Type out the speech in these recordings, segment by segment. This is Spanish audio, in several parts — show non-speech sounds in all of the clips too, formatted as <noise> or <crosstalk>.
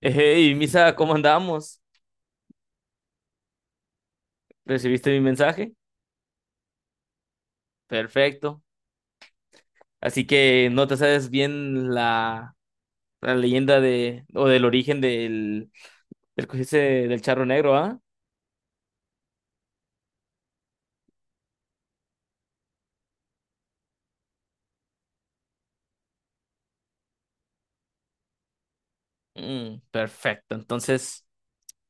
Hey, Misa, ¿cómo andamos? ¿Recibiste mi mensaje? Perfecto. Así que no te sabes bien la leyenda de, o del origen que dice del charro negro, ¿ah? Perfecto. Entonces,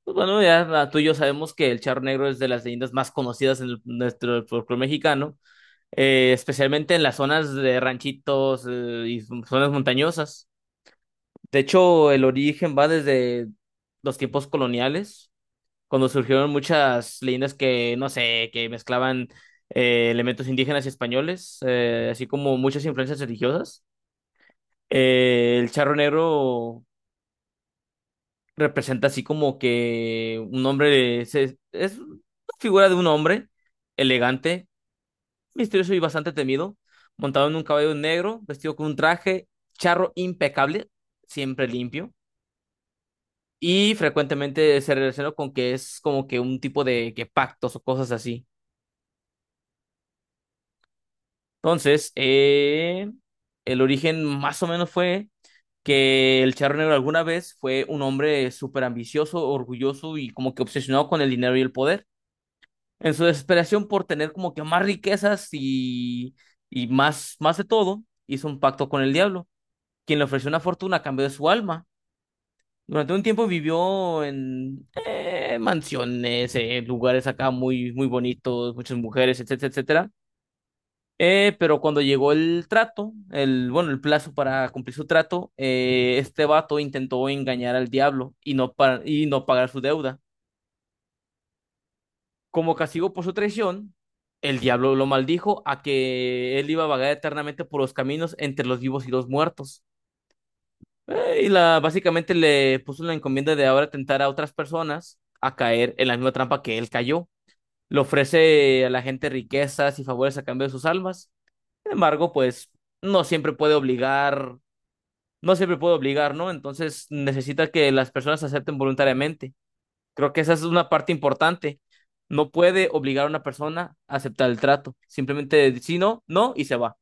pues bueno, ya tú y yo sabemos que el charro negro es de las leyendas más conocidas en nuestro folclore mexicano, especialmente en las zonas de ranchitos, y zonas montañosas. De hecho, el origen va desde los tiempos coloniales cuando surgieron muchas leyendas que, no sé, que mezclaban elementos indígenas y españoles, así como muchas influencias religiosas. El charro negro representa así como que un hombre, es una figura de un hombre elegante, misterioso y bastante temido, montado en un caballo negro, vestido con un traje charro impecable, siempre limpio. Y frecuentemente se relaciona con que es como que un tipo de que pactos o cosas así. Entonces, el origen más o menos fue que el Charro Negro alguna vez fue un hombre súper ambicioso, orgulloso y como que obsesionado con el dinero y el poder. En su desesperación por tener como que más riquezas y más, más de todo, hizo un pacto con el diablo, quien le ofreció una fortuna a cambio de su alma. Durante un tiempo vivió en mansiones, lugares acá muy, muy bonitos, muchas mujeres, etcétera, etcétera. Pero cuando llegó el trato, el plazo para cumplir su trato, este vato intentó engañar al diablo y y no pagar su deuda. Como castigo por su traición, el diablo lo maldijo a que él iba a vagar eternamente por los caminos entre los vivos y los muertos. Básicamente le puso la encomienda de ahora tentar a otras personas a caer en la misma trampa que él cayó. Le ofrece a la gente riquezas y favores a cambio de sus almas. Sin embargo, pues no siempre puede obligar no siempre puede obligar, ¿no? Entonces necesita que las personas acepten voluntariamente. Creo que esa es una parte importante. No puede obligar a una persona a aceptar el trato. Simplemente si no, no y se va.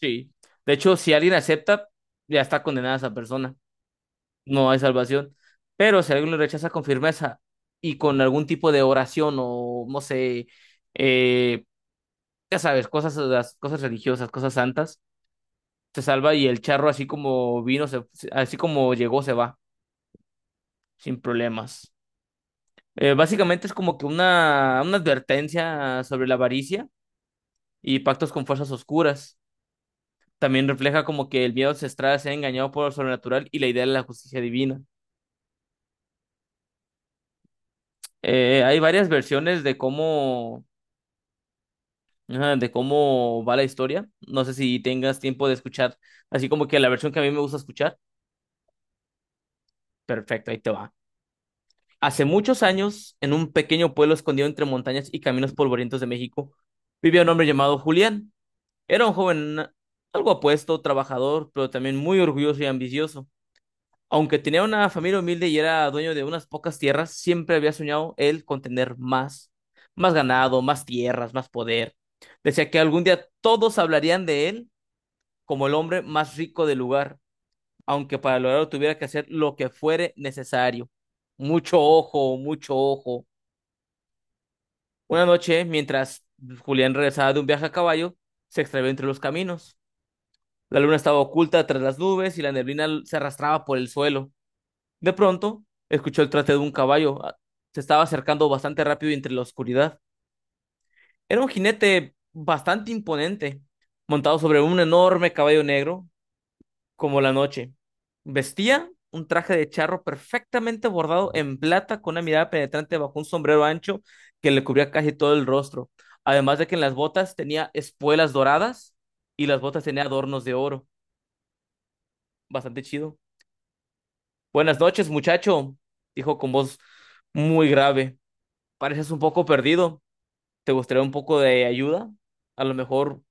Sí. De hecho, si alguien acepta, ya está condenada esa persona. No hay salvación. Pero si alguien lo rechaza con firmeza y con algún tipo de oración o no sé, eh, ya sabes, cosas, las cosas religiosas, cosas santas, se salva y el charro así como así como llegó, se va sin problemas. Básicamente es como que una advertencia sobre la avaricia y pactos con fuerzas oscuras. También refleja como que el miedo ancestral sea engañado por lo sobrenatural y la idea de la justicia divina. Hay varias versiones de de cómo va la historia. No sé si tengas tiempo de escuchar así como que la versión que a mí me gusta escuchar. Perfecto, ahí te va. Hace muchos años, en un pequeño pueblo escondido entre montañas y caminos polvorientos de México, vivía un hombre llamado Julián. Era un joven algo apuesto, trabajador, pero también muy orgulloso y ambicioso. Aunque tenía una familia humilde y era dueño de unas pocas tierras, siempre había soñado él con tener más, más ganado, más tierras, más poder. Decía que algún día todos hablarían de él como el hombre más rico del lugar, aunque para lograrlo tuviera que hacer lo que fuere necesario. Mucho ojo, mucho ojo. Una noche, mientras Julián regresaba de un viaje a caballo, se extravió entre los caminos. La luna estaba oculta tras las nubes y la neblina se arrastraba por el suelo. De pronto, escuchó el trate de un caballo. Se estaba acercando bastante rápido entre la oscuridad. Era un jinete bastante imponente, montado sobre un enorme caballo negro, como la noche. Vestía un traje de charro perfectamente bordado en plata, con una mirada penetrante bajo un sombrero ancho que le cubría casi todo el rostro. Además de que en las botas tenía espuelas doradas y las botas tenía adornos de oro. Bastante chido. Buenas noches, muchacho, dijo con voz muy grave. Pareces un poco perdido. ¿Te gustaría un poco de ayuda? A lo mejor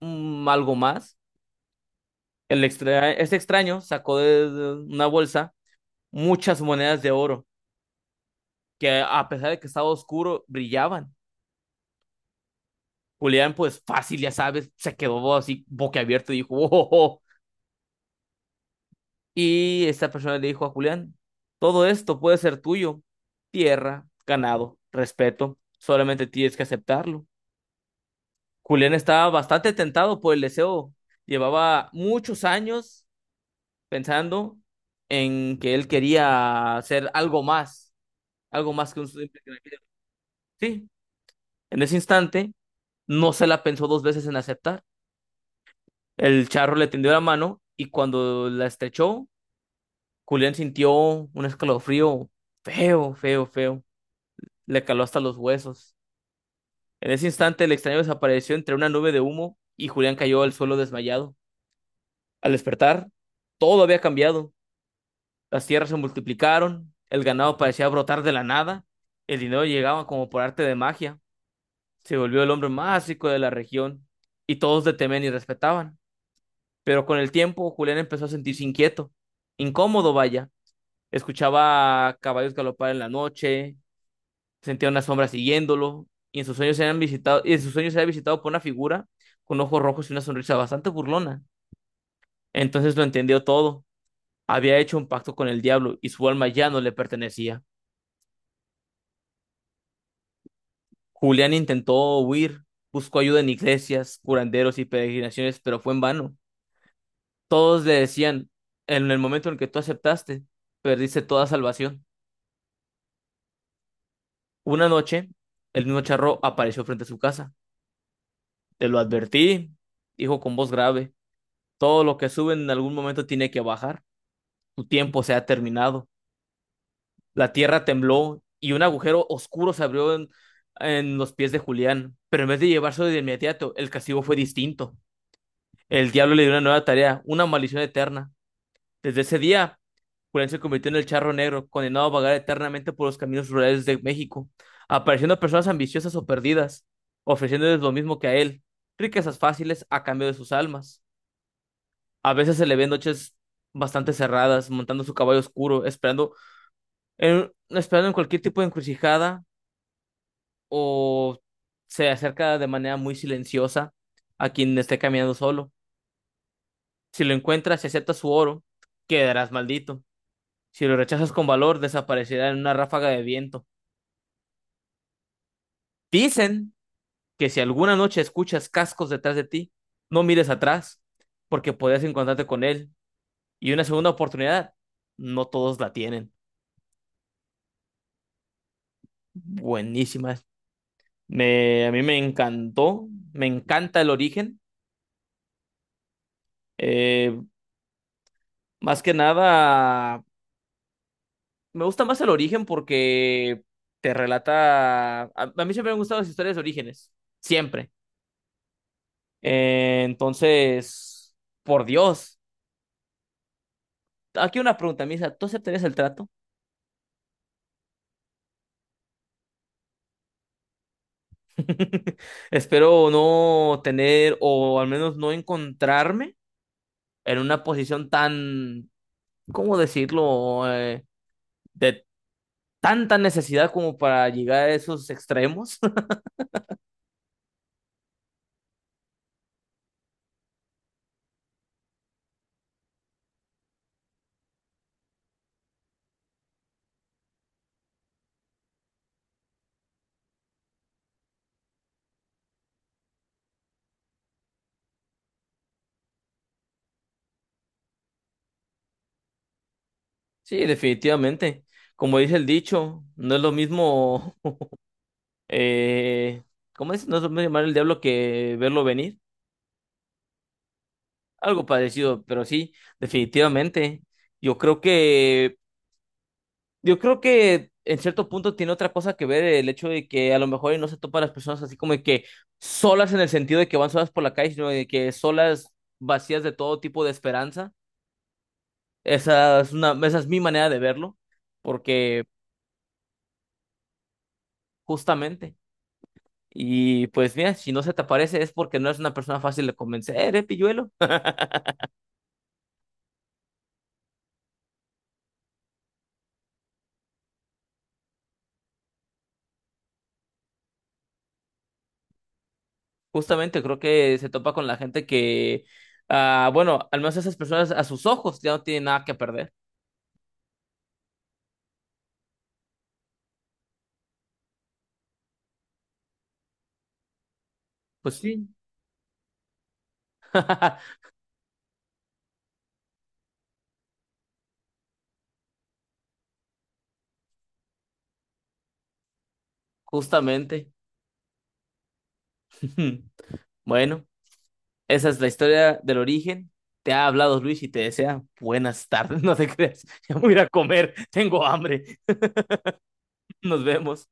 algo más. El extra este extraño sacó de una bolsa muchas monedas de oro que a pesar de que estaba oscuro, brillaban. Julián, pues fácil, ya sabes, se quedó así boquiabierto y dijo, "Oh, oh, oh". Y esta persona le dijo a Julián, todo esto puede ser tuyo. Tierra, ganado, respeto, solamente tienes que aceptarlo. Julián estaba bastante tentado por el deseo. Llevaba muchos años pensando en que él quería hacer algo más que un simple granjero. Sí, en ese instante no se la pensó dos veces en aceptar. El charro le tendió la mano y cuando la estrechó, Julián sintió un escalofrío feo, feo, feo. Le caló hasta los huesos. En ese instante el extraño desapareció entre una nube de humo y Julián cayó al suelo desmayado. Al despertar, todo había cambiado. Las tierras se multiplicaron, el ganado parecía brotar de la nada, el dinero llegaba como por arte de magia, se volvió el hombre más rico de la región y todos le temían y respetaban. Pero con el tiempo Julián empezó a sentirse inquieto, incómodo vaya, escuchaba caballos galopar en la noche, sentía una sombra siguiéndolo y en sus sueños era visitado por una figura con ojos rojos y una sonrisa bastante burlona. Entonces lo entendió todo. Había hecho un pacto con el diablo y su alma ya no le pertenecía. Julián intentó huir, buscó ayuda en iglesias, curanderos y peregrinaciones, pero fue en vano. Todos le decían, en el momento en el que tú aceptaste, perdiste toda salvación. Una noche, el mismo charro apareció frente a su casa. Te lo advertí, dijo con voz grave, todo lo que sube en algún momento tiene que bajar. Tu tiempo se ha terminado. La tierra tembló y un agujero oscuro se abrió en los pies de Julián, pero en vez de llevarse de inmediato, el castigo fue distinto. El diablo le dio una nueva tarea, una maldición eterna. Desde ese día, Julián se convirtió en el charro negro, condenado a vagar eternamente por los caminos rurales de México, apareciendo a personas ambiciosas o perdidas, ofreciéndoles lo mismo que a él, riquezas fáciles a cambio de sus almas. A veces se le ve en noches bastante cerradas, montando su caballo oscuro, esperando en cualquier tipo de encrucijada o se acerca de manera muy silenciosa a quien esté caminando solo. Si lo encuentras y aceptas su oro, quedarás maldito. Si lo rechazas con valor, desaparecerá en una ráfaga de viento. Dicen que si alguna noche escuchas cascos detrás de ti, no mires atrás, porque podrías encontrarte con él. Y una segunda oportunidad, no todos la tienen. Buenísimas. A mí me encantó, me encanta el origen. Eh, Más que nada, me gusta más el origen porque te relata... A mí siempre me han gustado las historias de orígenes, siempre. Entonces, por Dios. Aquí una pregunta, Misa, ¿tú aceptarías el trato? <laughs> Espero no tener o al menos no encontrarme en una posición tan, ¿cómo decirlo? De tanta necesidad como para llegar a esos extremos. <laughs> Sí, definitivamente. Como dice el dicho, no es lo mismo, <laughs> eh, ¿cómo es? No es lo mismo llamar el diablo que verlo venir. Algo parecido, pero sí, definitivamente. Yo creo que, yo creo que en cierto punto tiene otra cosa que ver el hecho de que a lo mejor y no se topan las personas así como de que solas en el sentido de que van solas por la calle, sino de que solas vacías de todo tipo de esperanza. Esa es mi manera de verlo, porque justamente. Y pues mira, si no se te aparece es porque no eres una persona fácil de convencer, ¿eh, pilluelo? Justamente creo que se topa con la gente que, ah, bueno, al menos esas personas a sus ojos ya no tienen nada que perder. Pues sí, <laughs> justamente. <laughs> Bueno, esa es la historia del origen. Te ha hablado Luis y te desea buenas tardes. <laughs> No te creas, ya me voy a ir a comer, tengo hambre. Nos vemos.